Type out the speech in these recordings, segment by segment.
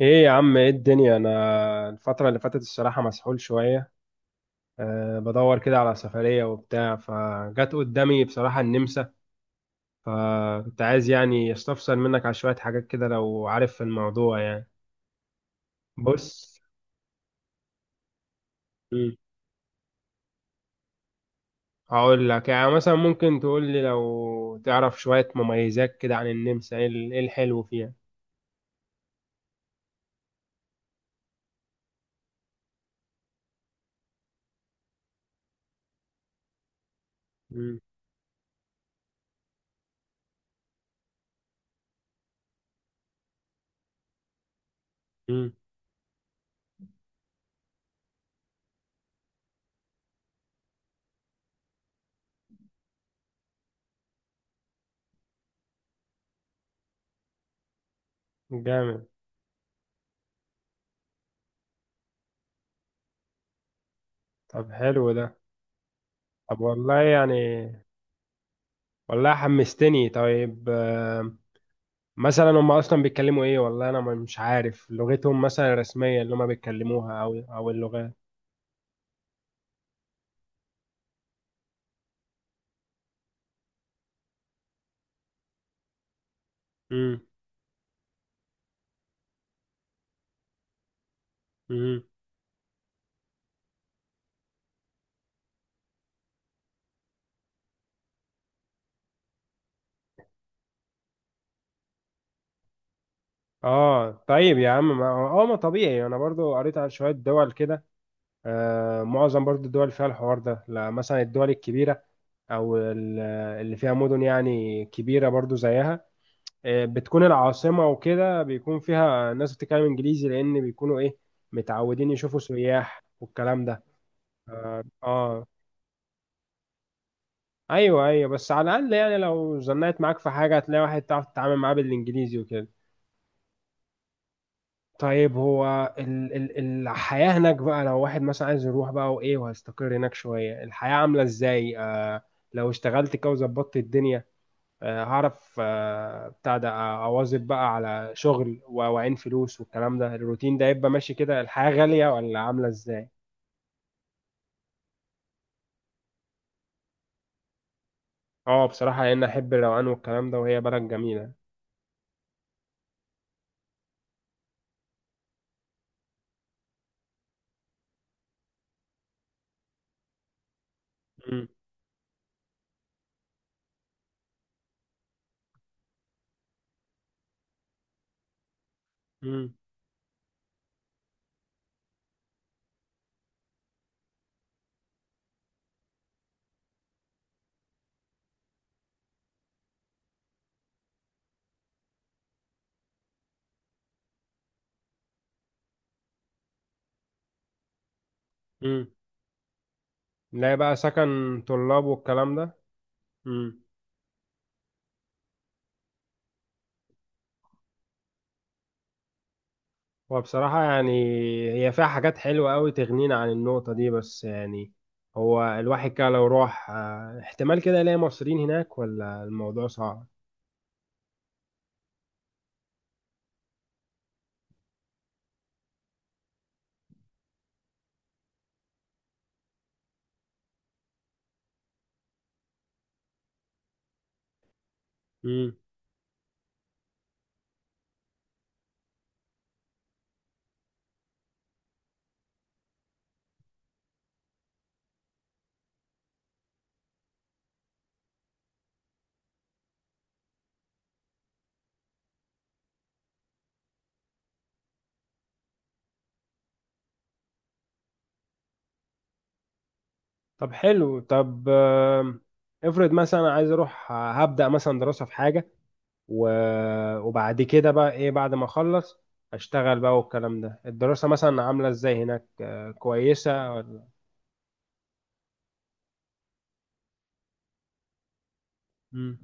ايه يا عم، ايه الدنيا؟ انا الفترة اللي فاتت الصراحة مسحول شوية. بدور كده على سفرية وبتاع، فجت قدامي بصراحة النمسا. فكنت عايز يعني استفسر منك على شوية حاجات كده لو عارف في الموضوع يعني. بص. مم. هقول لك، يعني مثلا ممكن تقول لي لو تعرف شوية مميزات كده عن النمسا، ايه إيه الحلو فيها؟ مم. مم. جامد. طب حلو ده. طب والله يعني، والله حمستني. طيب مثلا هم اصلا بيتكلموا ايه؟ والله انا مش عارف لغتهم، مثلا الرسميه اللي هم بيتكلموها، او اللغات. امم. امم. اه، طيب يا عم، ما طبيعي. انا برضو قريت على شويه دول كده. معظم برضو الدول فيها الحوار ده، لا مثلا الدول الكبيره، او اللي فيها مدن يعني كبيره برضو زيها، بتكون العاصمه وكده بيكون فيها ناس بتتكلم انجليزي، لان بيكونوا ايه، متعودين يشوفوا سياح والكلام ده. اه آه. ايوه، ايوه، بس على الاقل يعني لو زنقت معاك في حاجه هتلاقي واحد تعرف تتعامل معاه بالانجليزي وكده. طيب، هو ال ال الحياه هناك بقى، لو واحد مثلا عايز يروح بقى وايه وهيستقر هناك شويه، الحياه عامله ازاي؟ لو اشتغلت كده وظبطت الدنيا، هعرف، بتاع ده، اواظب بقى على شغل واعين فلوس والكلام ده، الروتين ده يبقى ماشي كده، الحياه غاليه ولا عامله ازاي؟ اه بصراحه لان احب الروقان والكلام ده، وهي بلد جميله. امم. امم. نلاقي بقى سكن طلاب والكلام ده. امم. وبصراحة يعني، هي فيها حاجات حلوة قوي تغنينا عن النقطة دي، بس يعني، هو الواحد كده لو راح، احتمال كده يلاقي مصريين هناك ولا الموضوع صعب؟ امم. طب حلو. طب افرض مثلا أنا عايز اروح، هبدأ مثلا دراسة في حاجة، وبعد كده بقى ايه، بعد ما اخلص اشتغل بقى والكلام ده، الدراسة مثلا عاملة ازاي هناك، كويسة ولا؟ امم.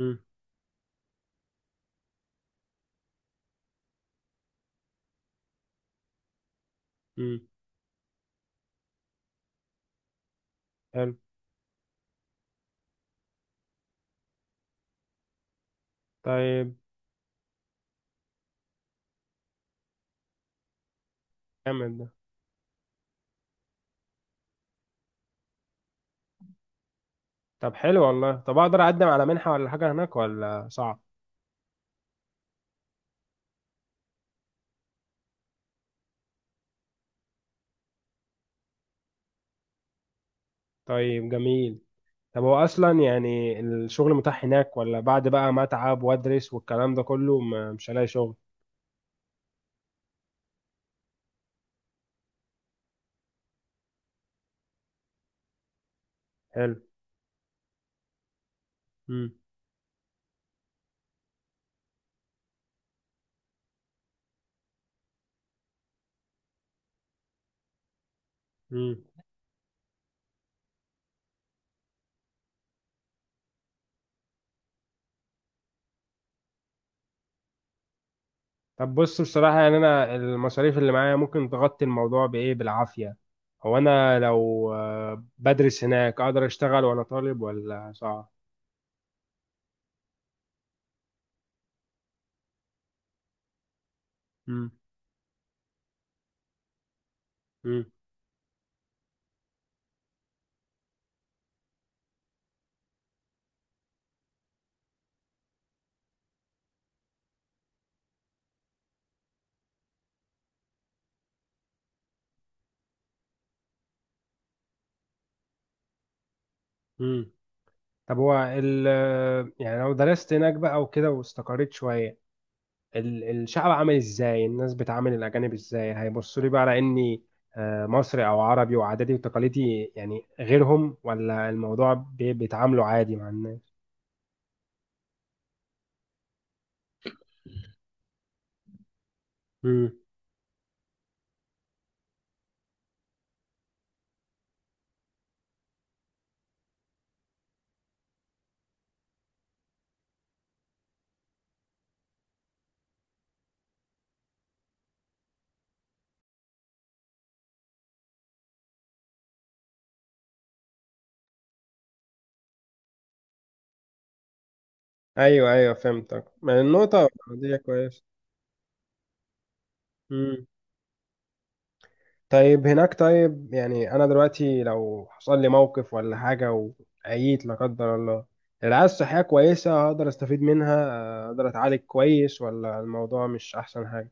امم. امم. حلو. طيب، جامد ده. طب حلو والله. طب اقدر اقدم على منحة ولا حاجة هناك ولا صعب؟ طيب جميل. طب هو اصلا يعني الشغل متاح هناك، ولا بعد بقى ما اتعب وادرس والكلام ده كله مش هلاقي شغل؟ حلو. امم. امم. طب بص، بصراحة يعني، انا المصاريف اللي معايا ممكن تغطي الموضوع بايه، بالعافية. هو انا لو بدرس هناك اقدر اشتغل وانا طالب ولا صعب؟ امم. امم. امم. طب هو يعني لو درست هناك بقى وكده واستقريت شوية، الشعب عامل ازاي؟ الناس بتعامل الاجانب ازاي؟ هيبصوا لي بقى على اني مصري او عربي، وعاداتي وتقاليدي يعني غيرهم، ولا الموضوع بيتعاملوا عادي مع الناس؟ امم. ايوه، ايوه، فهمتك. ما النقطة دي كويس. امم. طيب، هناك طيب يعني، انا دلوقتي لو حصل لي موقف ولا حاجة وعييت لا قدر الله، الرعاية الصحية كويسة؟ هقدر استفيد منها، اقدر اتعالج كويس ولا الموضوع مش احسن حاجة؟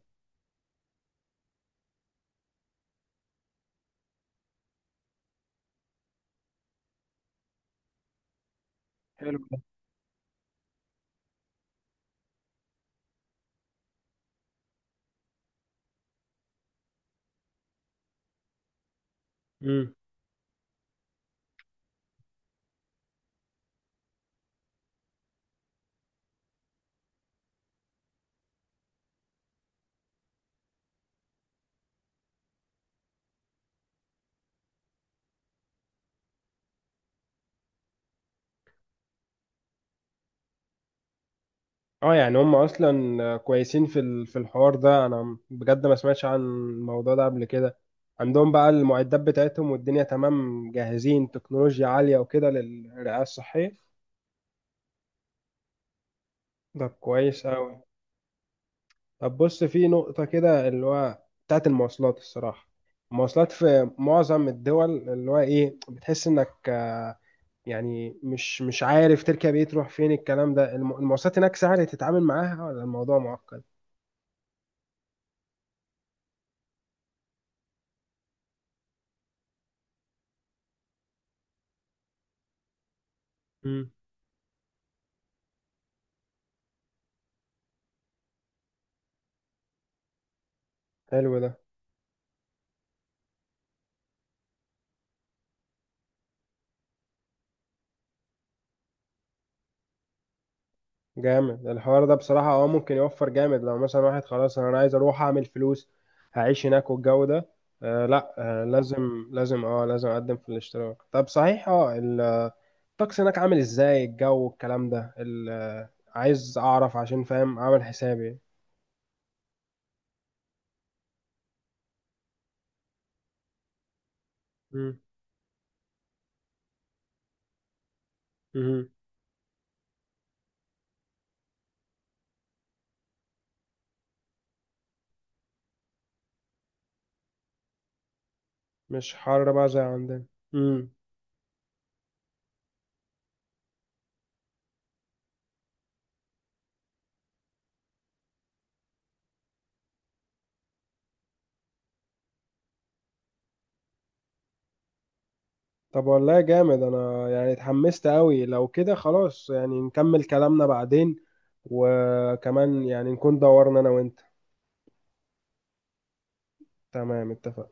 حلو ده. مم. اه، يعني هم اصلا كويسين في الحوار ده. انا بجد ما سمعتش عن الموضوع ده قبل كده. عندهم بقى المعدات بتاعتهم والدنيا تمام، جاهزين تكنولوجيا عالية وكده للرعاية الصحية. ده كويس أوي. طب بص، في نقطة كده اللي هو بتاعت المواصلات الصراحة. المواصلات في معظم الدول اللي هو ايه، بتحس انك يعني مش عارف تركب ايه تروح فين الكلام ده، المواصلات هناك سهل تتعامل معاها ولا الموضوع معقد؟ مم. حلو ده. جامد الحوار ده بصراحة، ممكن يوفر جامد لو مثلا واحد خلاص. انا عايز اروح اعمل فلوس، هعيش هناك والجو ده. لا، لازم اقدم في الاشتراك. طب صحيح، الطقس هناك عامل ازاي؟ الجو والكلام ده عايز اعرف عشان فاهم اعمل حسابي. مم. مم. مش حر بقى زي عندنا. مم. طب والله جامد، انا يعني اتحمست قوي. لو كده خلاص يعني نكمل كلامنا بعدين، وكمان يعني نكون دورنا انا وانت. تمام، اتفق.